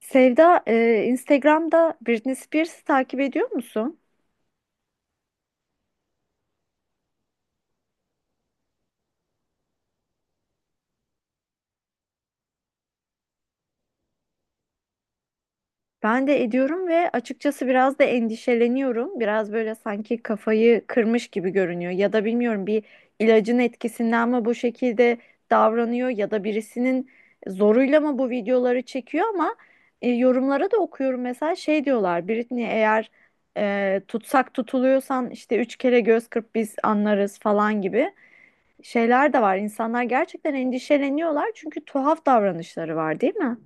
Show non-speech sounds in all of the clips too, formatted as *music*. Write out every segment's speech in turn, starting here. Sevda, Instagram'da Britney Spears'ı takip ediyor musun? Ben de ediyorum ve açıkçası biraz da endişeleniyorum. Biraz böyle sanki kafayı kırmış gibi görünüyor. Ya da bilmiyorum bir ilacın etkisinden mi bu şekilde davranıyor ya da birisinin zoruyla mı bu videoları çekiyor ama yorumlara da okuyorum mesela şey diyorlar Britney eğer tutsak tutuluyorsan işte üç kere göz kırp biz anlarız falan gibi şeyler de var. İnsanlar gerçekten endişeleniyorlar çünkü tuhaf davranışları var, değil mi?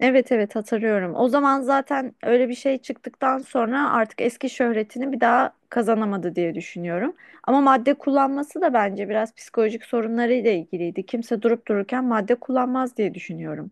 Evet, evet, hatırlıyorum. O zaman zaten öyle bir şey çıktıktan sonra artık eski şöhretini bir daha kazanamadı diye düşünüyorum. Ama madde kullanması da bence biraz psikolojik sorunlarıyla ilgiliydi. Kimse durup dururken madde kullanmaz diye düşünüyorum.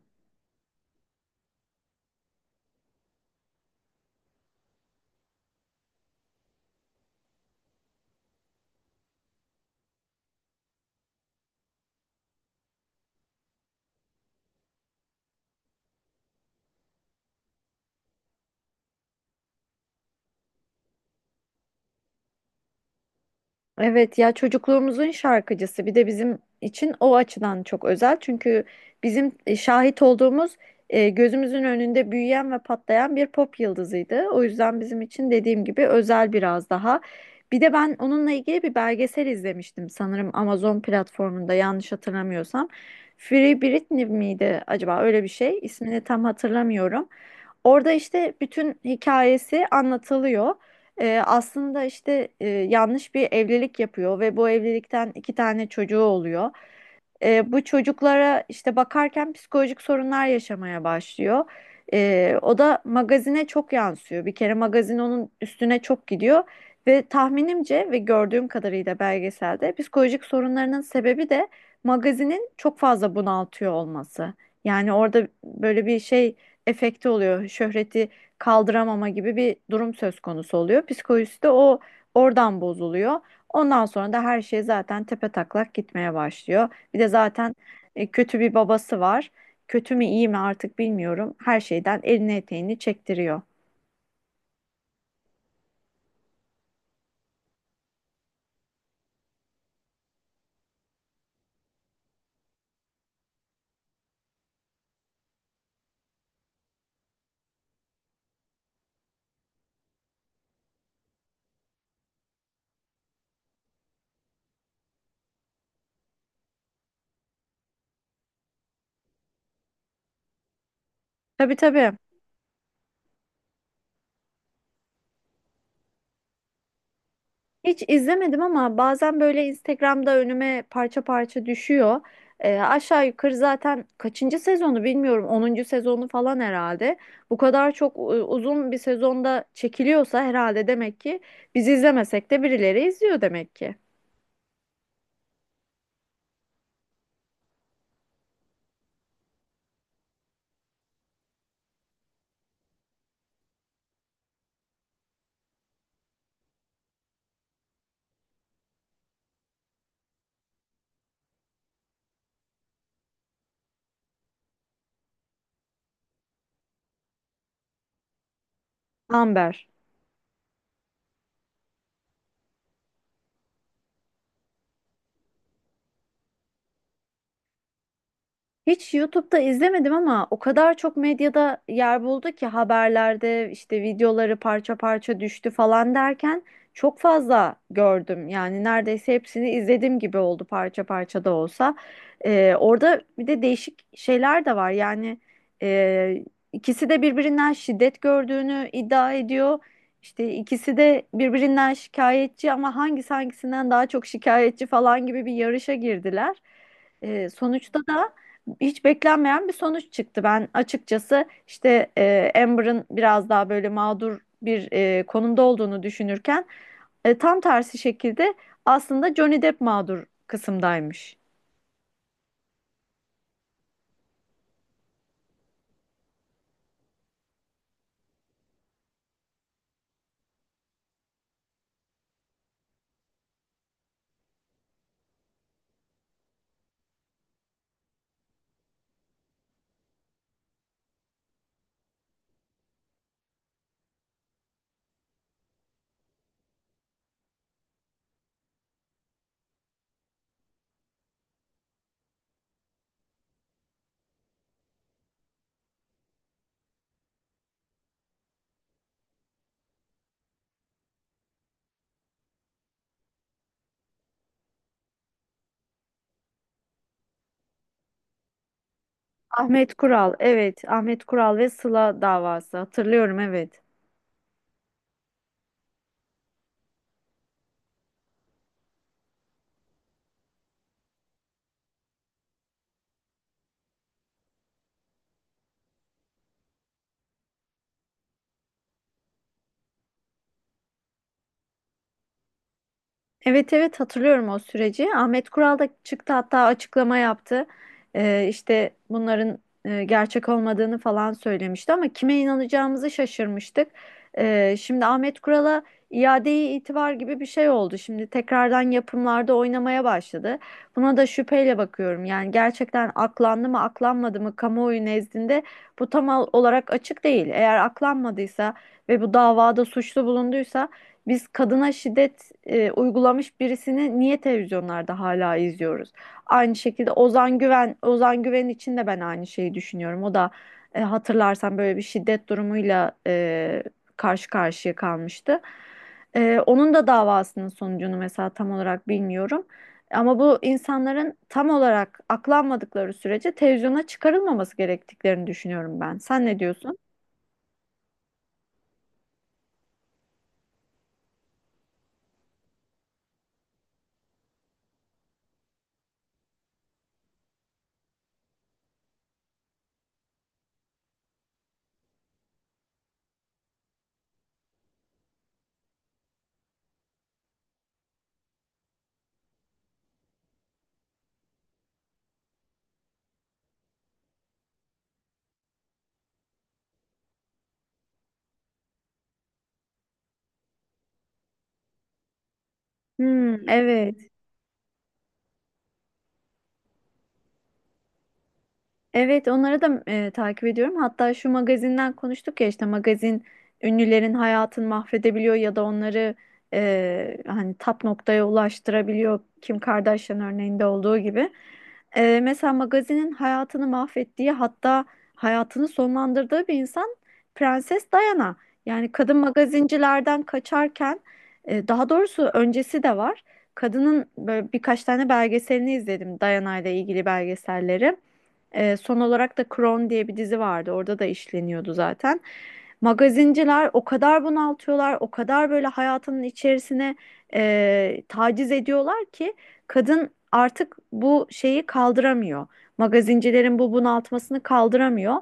Evet ya, çocukluğumuzun şarkıcısı bir de bizim için o açıdan çok özel. Çünkü bizim şahit olduğumuz, gözümüzün önünde büyüyen ve patlayan bir pop yıldızıydı. O yüzden bizim için, dediğim gibi, özel biraz daha. Bir de ben onunla ilgili bir belgesel izlemiştim sanırım Amazon platformunda, yanlış hatırlamıyorsam. Free Britney miydi acaba, öyle bir şey, ismini tam hatırlamıyorum. Orada işte bütün hikayesi anlatılıyor. Aslında işte yanlış bir evlilik yapıyor ve bu evlilikten iki tane çocuğu oluyor. Bu çocuklara işte bakarken psikolojik sorunlar yaşamaya başlıyor. O da magazine çok yansıyor. Bir kere magazin onun üstüne çok gidiyor ve tahminimce ve gördüğüm kadarıyla belgeselde psikolojik sorunlarının sebebi de magazinin çok fazla bunaltıyor olması. Yani orada böyle bir şey efekti oluyor. Şöhreti kaldıramama gibi bir durum söz konusu oluyor. Psikolojisi de oradan bozuluyor. Ondan sonra da her şey zaten tepe taklak gitmeye başlıyor. Bir de zaten kötü bir babası var. Kötü mü iyi mi artık bilmiyorum. Her şeyden elini eteğini çektiriyor. Tabii, tabii. Hiç izlemedim ama bazen böyle Instagram'da önüme parça parça düşüyor. Aşağı yukarı zaten kaçıncı sezonu bilmiyorum, onuncu sezonu falan herhalde. Bu kadar çok, uzun bir sezonda çekiliyorsa herhalde demek ki biz izlemesek de birileri izliyor demek ki. Amber. Hiç YouTube'da izlemedim ama o kadar çok medyada yer buldu ki, haberlerde işte videoları parça parça düştü falan derken çok fazla gördüm. Yani neredeyse hepsini izlediğim gibi oldu, parça parça da olsa. Orada bir de değişik şeyler de var. Yani e, ikisi de birbirinden şiddet gördüğünü iddia ediyor. İşte ikisi de birbirinden şikayetçi ama hangisi hangisinden daha çok şikayetçi falan gibi bir yarışa girdiler. Sonuçta da hiç beklenmeyen bir sonuç çıktı. Ben açıkçası işte Amber'ın biraz daha böyle mağdur bir, konumda olduğunu düşünürken tam tersi şekilde aslında Johnny Depp mağdur kısımdaymış. Ahmet Kural, evet, Ahmet Kural ve Sıla davası, hatırlıyorum, evet. Evet, evet, hatırlıyorum o süreci. Ahmet Kural da çıktı, hatta açıklama yaptı. İşte bunların gerçek olmadığını falan söylemişti ama kime inanacağımızı şaşırmıştık. Şimdi Ahmet Kural'a iade-i itibar gibi bir şey oldu. Şimdi tekrardan yapımlarda oynamaya başladı. Buna da şüpheyle bakıyorum. Yani gerçekten aklandı mı aklanmadı mı, kamuoyu nezdinde bu tam olarak açık değil. Eğer aklanmadıysa ve bu davada suçlu bulunduysa biz kadına şiddet uygulamış birisini niye televizyonlarda hala izliyoruz? Aynı şekilde Ozan Güven, Ozan Güven için de ben aynı şeyi düşünüyorum. O da hatırlarsan böyle bir şiddet durumuyla karşı karşıya kalmıştı. Onun da davasının sonucunu mesela tam olarak bilmiyorum. Ama bu insanların tam olarak aklanmadıkları sürece televizyona çıkarılmaması gerektiklerini düşünüyorum ben. Sen ne diyorsun? Hmm, evet. Evet, onları da takip ediyorum. Hatta şu magazinden konuştuk ya, işte magazin ünlülerin hayatını mahvedebiliyor ya da onları hani tap noktaya ulaştırabiliyor. Kim Kardashian örneğinde olduğu gibi. E, mesela magazinin hayatını mahvettiği, hatta hayatını sonlandırdığı bir insan Prenses Diana. Yani kadın magazincilerden kaçarken, daha doğrusu öncesi de var. Kadının böyle birkaç tane belgeselini izledim, Diana ile ilgili belgeselleri. Son olarak da Crown diye bir dizi vardı. Orada da işleniyordu zaten. Magazinciler o kadar bunaltıyorlar, o kadar böyle hayatının içerisine taciz ediyorlar ki kadın artık bu şeyi kaldıramıyor. Magazincilerin bu bunaltmasını kaldıramıyor.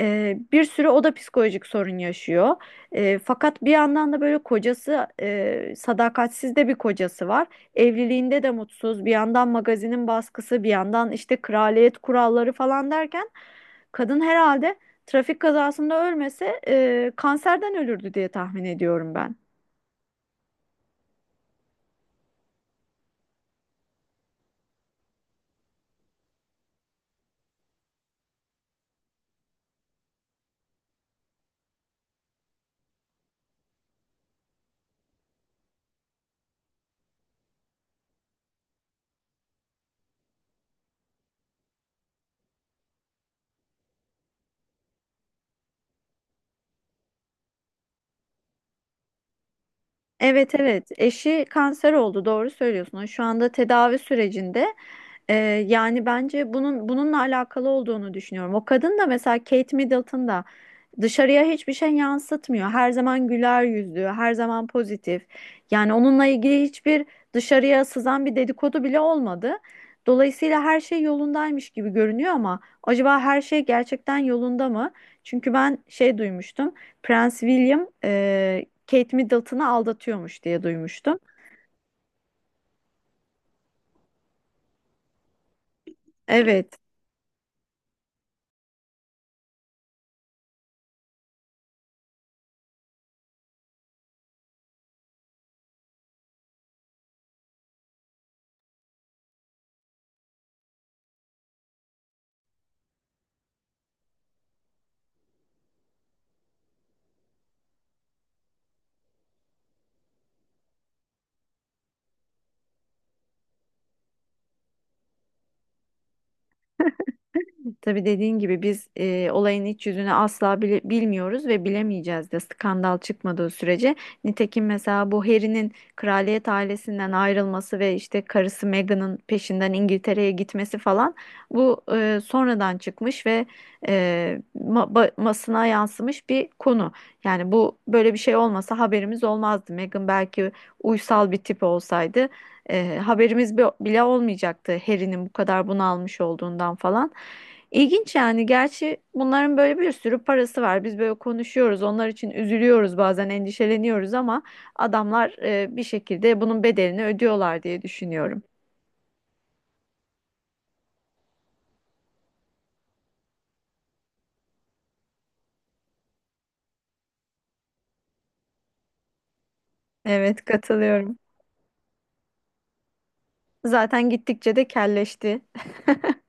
Bir sürü o da psikolojik sorun yaşıyor. Fakat bir yandan da böyle kocası, sadakatsiz de bir kocası var. Evliliğinde de mutsuz. Bir yandan magazinin baskısı, bir yandan işte kraliyet kuralları falan derken kadın herhalde trafik kazasında ölmese kanserden ölürdü diye tahmin ediyorum ben. Evet, evet, eşi kanser oldu, doğru söylüyorsun. O şu anda tedavi sürecinde. Ee, yani bence bunun bununla alakalı olduğunu düşünüyorum. O kadın da, mesela Kate Middleton da dışarıya hiçbir şey yansıtmıyor. Her zaman güler yüzlü, her zaman pozitif. Yani onunla ilgili hiçbir dışarıya sızan bir dedikodu bile olmadı. Dolayısıyla her şey yolundaymış gibi görünüyor ama acaba her şey gerçekten yolunda mı? Çünkü ben şey duymuştum. Prens William Kate Middleton'ı aldatıyormuş diye duymuştum. Evet. Tabii, dediğin gibi biz olayın iç yüzünü asla bilmiyoruz ve bilemeyeceğiz de, skandal çıkmadığı sürece. Nitekim mesela bu Harry'nin kraliyet ailesinden ayrılması ve işte karısı Meghan'ın peşinden İngiltere'ye gitmesi falan, bu sonradan çıkmış ve e, basına yansımış bir konu. Yani bu böyle bir şey olmasa haberimiz olmazdı. Meghan belki uysal bir tip olsaydı haberimiz bile olmayacaktı Harry'nin bu kadar bunalmış olduğundan falan. İlginç yani. Gerçi bunların böyle bir sürü parası var. Biz böyle konuşuyoruz. Onlar için üzülüyoruz, bazen endişeleniyoruz ama adamlar bir şekilde bunun bedelini ödüyorlar diye düşünüyorum. Evet, katılıyorum. Zaten gittikçe de kelleşti. *laughs*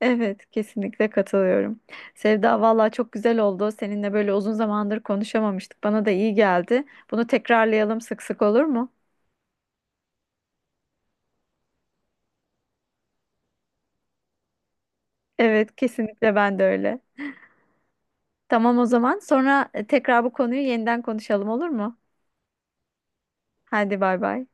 Evet, kesinlikle katılıyorum. Sevda, vallahi çok güzel oldu. Seninle böyle uzun zamandır konuşamamıştık. Bana da iyi geldi. Bunu tekrarlayalım sık sık, olur mu? Evet, kesinlikle ben de öyle. Tamam, o zaman. Sonra tekrar bu konuyu yeniden konuşalım, olur mu? Hadi, bay bay.